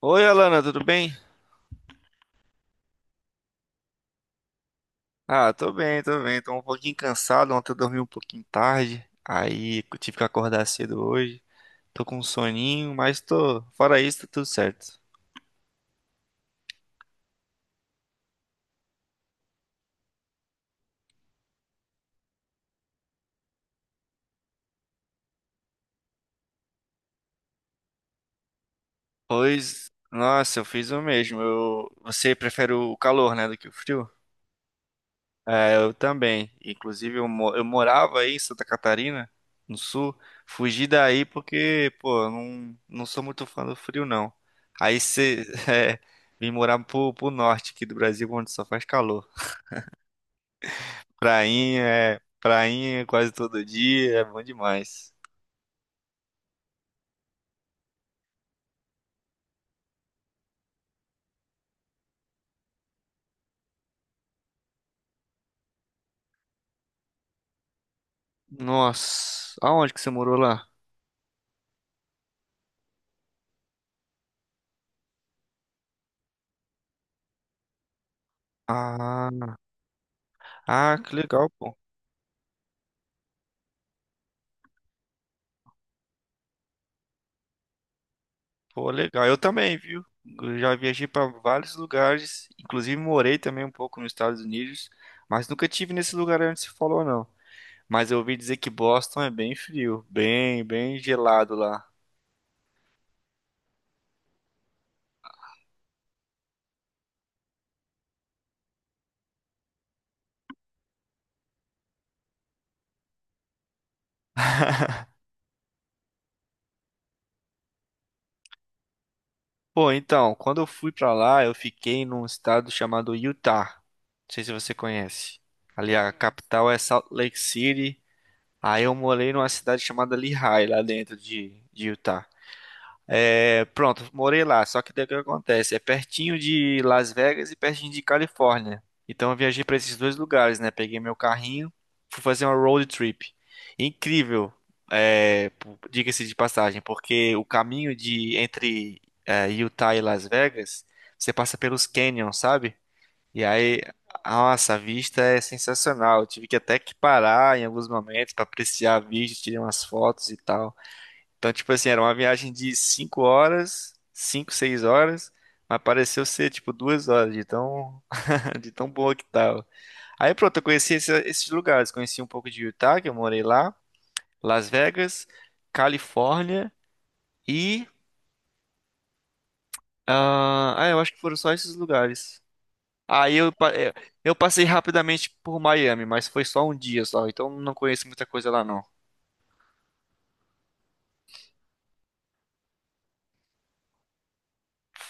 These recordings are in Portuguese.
Oi, Alana, tudo bem? Ah, tô bem, tô bem. Tô um pouquinho cansado. Ontem eu dormi um pouquinho tarde. Aí eu tive que acordar cedo hoje. Tô com um soninho, mas tô. Fora isso, tá tudo certo. Pois, nossa, eu fiz o mesmo. Você prefere o calor, né, do que o frio? É, eu também. Inclusive, eu morava aí em Santa Catarina, no sul. Fugi daí porque, pô, eu não sou muito fã do frio, não. Aí você. É, vim morar pro norte aqui do Brasil, onde só faz calor. Prainha quase todo dia, é bom demais. Nossa, aonde que você morou lá? Ah, ah, que legal, pô. Pô, legal. Eu também, viu? Eu já viajei para vários lugares, inclusive morei também um pouco nos Estados Unidos, mas nunca tive nesse lugar onde se falou, não. Mas eu ouvi dizer que Boston é bem frio, bem gelado lá. Pô, então, quando eu fui pra lá, eu fiquei num estado chamado Utah. Não sei se você conhece. Ali a capital é Salt Lake City. Aí eu morei numa cidade chamada Lehigh, lá dentro de Utah. É, pronto, morei lá. Só que daí o que acontece? É pertinho de Las Vegas e pertinho de Califórnia. Então eu viajei para esses dois lugares, né? Peguei meu carrinho, fui fazer uma road trip. Incrível, diga-se de passagem, porque o caminho de entre Utah e Las Vegas, você passa pelos canyons, sabe? E aí, nossa, a vista é sensacional. Eu tive que até que parar em alguns momentos para apreciar a vista, tirei umas fotos e tal. Então, tipo assim, era uma viagem de 5 horas, 5, 6 horas, mas pareceu ser tipo 2 horas de de tão boa que tava. Aí pronto, eu conheci esses lugares, conheci um pouco de Utah, que eu morei lá, Las Vegas, Califórnia e eu acho que foram só esses lugares. Aí eu passei rapidamente por Miami, mas foi só um dia só, então não conheço muita coisa lá não.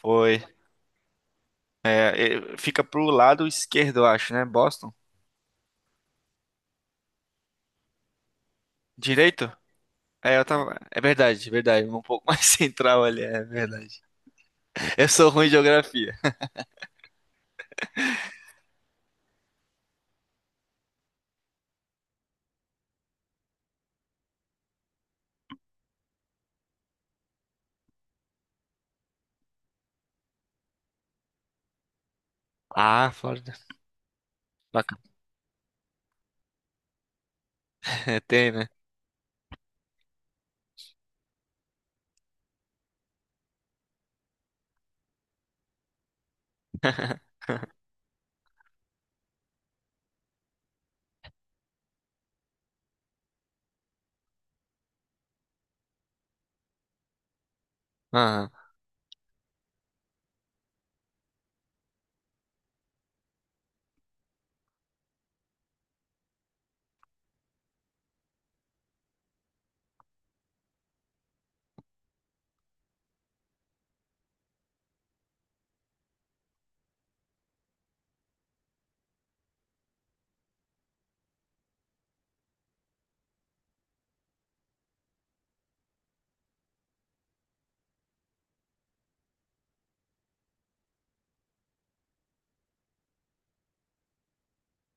Foi. É, fica pro lado esquerdo, eu acho, né? Boston. Direito? É, eu tava... é verdade, é verdade. Um pouco mais central ali, é verdade. Eu sou ruim de geografia. Ah, Flórida. Bacana. Tem, né? Aham.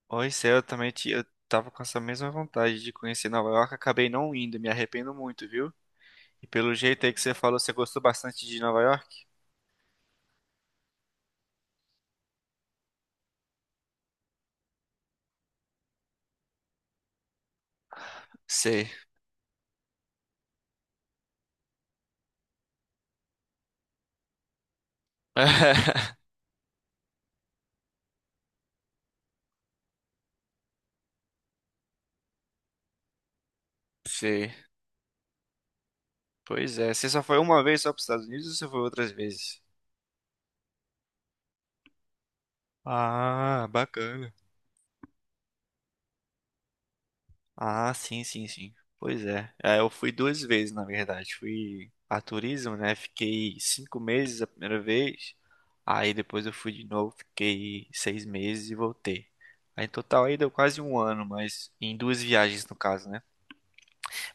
Oi, céu, eu também eu tava com essa mesma vontade de conhecer Nova York, acabei não indo, me arrependo muito, viu? E pelo jeito aí que você falou, você gostou bastante de Nova York? Sei. Sei. Pois é, você só foi uma vez só para os Estados Unidos ou você foi outras vezes? Ah, bacana. Ah, sim, sim, sim. Pois é. É, eu fui 2 vezes, na verdade. Fui a turismo, né? Fiquei 5 meses a primeira vez. Aí depois eu fui de novo, fiquei 6 meses e voltei. Aí, em total aí deu quase um ano, mas em duas viagens no caso, né?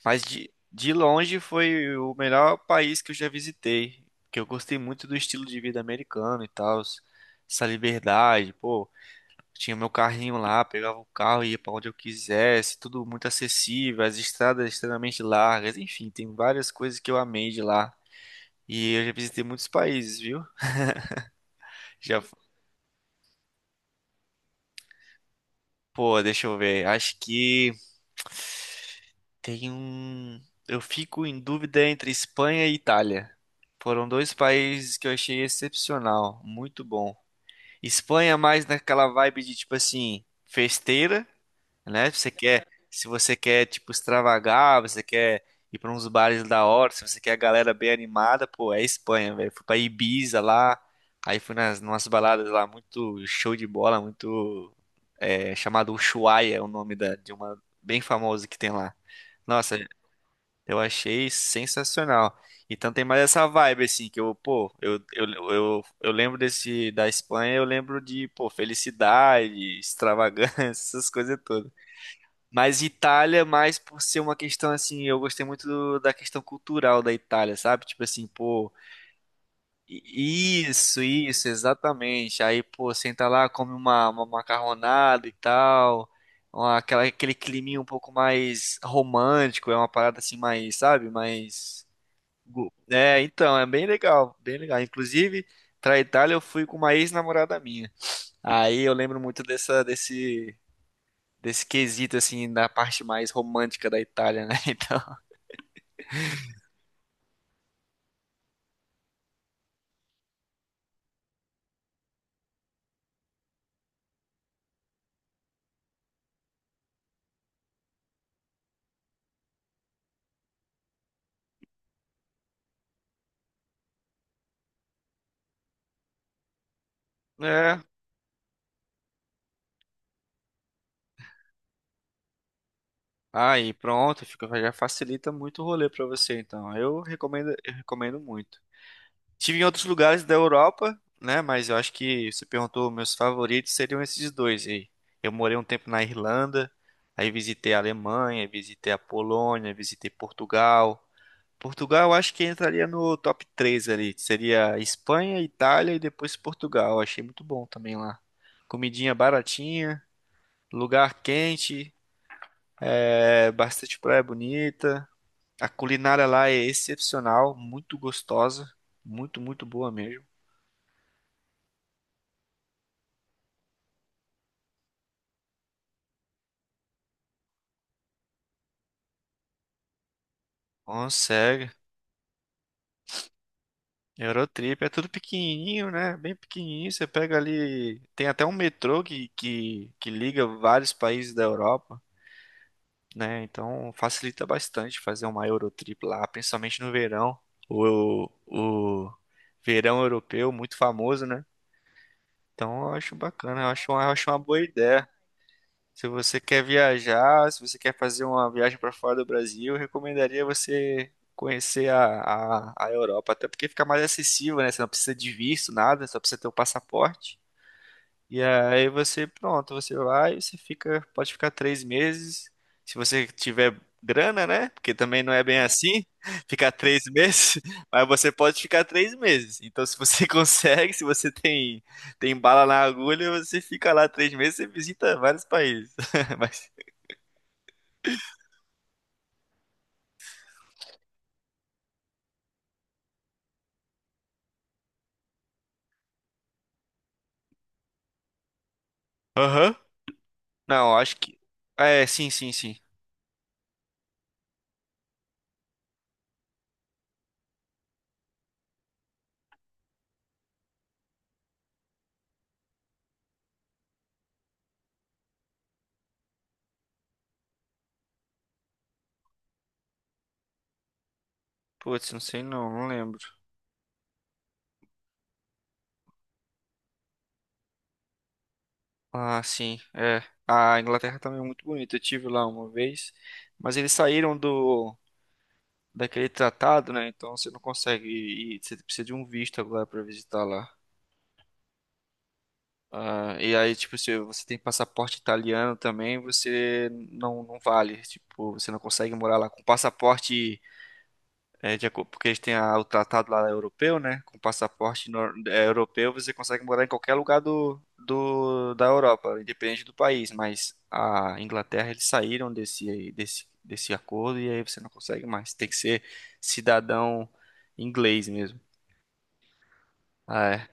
Mas de longe foi o melhor país que eu já visitei, porque eu gostei muito do estilo de vida americano e tal, essa liberdade, pô. Tinha meu carrinho lá, pegava o carro e ia pra onde eu quisesse, tudo muito acessível, as estradas extremamente largas, enfim, tem várias coisas que eu amei de lá. E eu já visitei muitos países, viu? Já, pô, deixa eu ver. Acho que tem um. Eu fico em dúvida entre Espanha e Itália. Foram dois países que eu achei excepcional, muito bom. Espanha é mais naquela vibe de tipo assim, festeira, né? Se você quer, tipo, extravagar, você quer ir pra uns bares da hora, se você quer a galera bem animada, pô, é Espanha, velho. Fui pra Ibiza lá, aí fui nas nossas baladas lá, muito show de bola, chamado Ushuaia, é o nome de uma bem famosa que tem lá. Nossa, eu achei sensacional. Então tem mais essa vibe assim que eu, pô, eu lembro desse da Espanha, eu lembro de, pô, felicidade, extravagância, essas coisas todas. Mas Itália, mais por ser uma questão assim, eu gostei muito da questão cultural da Itália, sabe? Tipo assim, pô, isso, isso, exatamente. Aí, pô, senta lá, come uma macarronada e tal, aquele climinha um pouco mais romântico, é uma parada assim, mais, sabe? Mais. É, então, é bem legal, bem legal. Inclusive, pra Itália eu fui com uma ex-namorada minha. Aí eu lembro muito desse quesito, assim, da parte mais romântica da Itália, né? Então, é. Aí, pronto, já facilita muito o rolê pra você, então. Eu recomendo muito. Tive em outros lugares da Europa, né? Mas eu acho que você perguntou meus favoritos seriam esses dois aí. Eu morei um tempo na Irlanda, aí visitei a Alemanha, visitei a Polônia, visitei Portugal. Portugal, eu acho que entraria no top 3 ali. Seria Espanha, Itália e depois Portugal. Eu achei muito bom também lá. Comidinha baratinha, lugar quente, bastante praia bonita. A culinária lá é excepcional, muito gostosa, muito, muito boa mesmo. Consegue. Eurotrip é tudo pequenininho, né? Bem pequenininho. Você pega ali. Tem até um metrô que liga vários países da Europa, né? Então facilita bastante fazer uma Eurotrip lá, principalmente no verão. O verão europeu, muito famoso, né? Então eu acho bacana, eu acho uma boa ideia. Se você quer viajar, se você quer fazer uma viagem para fora do Brasil, eu recomendaria você conhecer a Europa, até porque fica mais acessível, né? Você não precisa de visto, nada, só precisa ter o passaporte. E aí você, pronto, você vai, você fica, pode ficar 3 meses, se você tiver grana, né? Porque também não é bem assim, ficar 3 meses, mas você pode ficar 3 meses. Então, se você consegue, se você tem bala na agulha, você fica lá 3 meses e visita vários países. Mas, aham. Não, acho que, ah, é, sim, sim, sim. Putz, não sei não, não lembro. Ah, sim, é. A Inglaterra também é muito bonita. Eu tive lá uma vez, mas eles saíram do daquele tratado, né? Então você não consegue ir, você precisa de um visto agora para visitar lá. Ah, e aí, tipo, se você tem passaporte italiano também, você não vale. Tipo, você não consegue morar lá com passaporte, de acordo, porque eles têm o tratado lá europeu, né? Com passaporte europeu, você consegue morar em qualquer lugar da Europa, independente do país. Mas a Inglaterra, eles saíram desse acordo e aí você não consegue mais. Tem que ser cidadão inglês mesmo. Ah, é.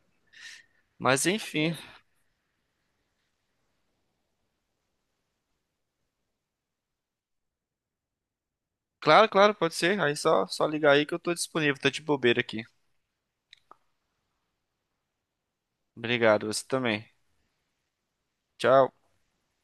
Mas enfim. Claro, claro, pode ser. Aí só ligar aí que eu tô disponível. Tô de bobeira aqui. Obrigado, você também. Tchau.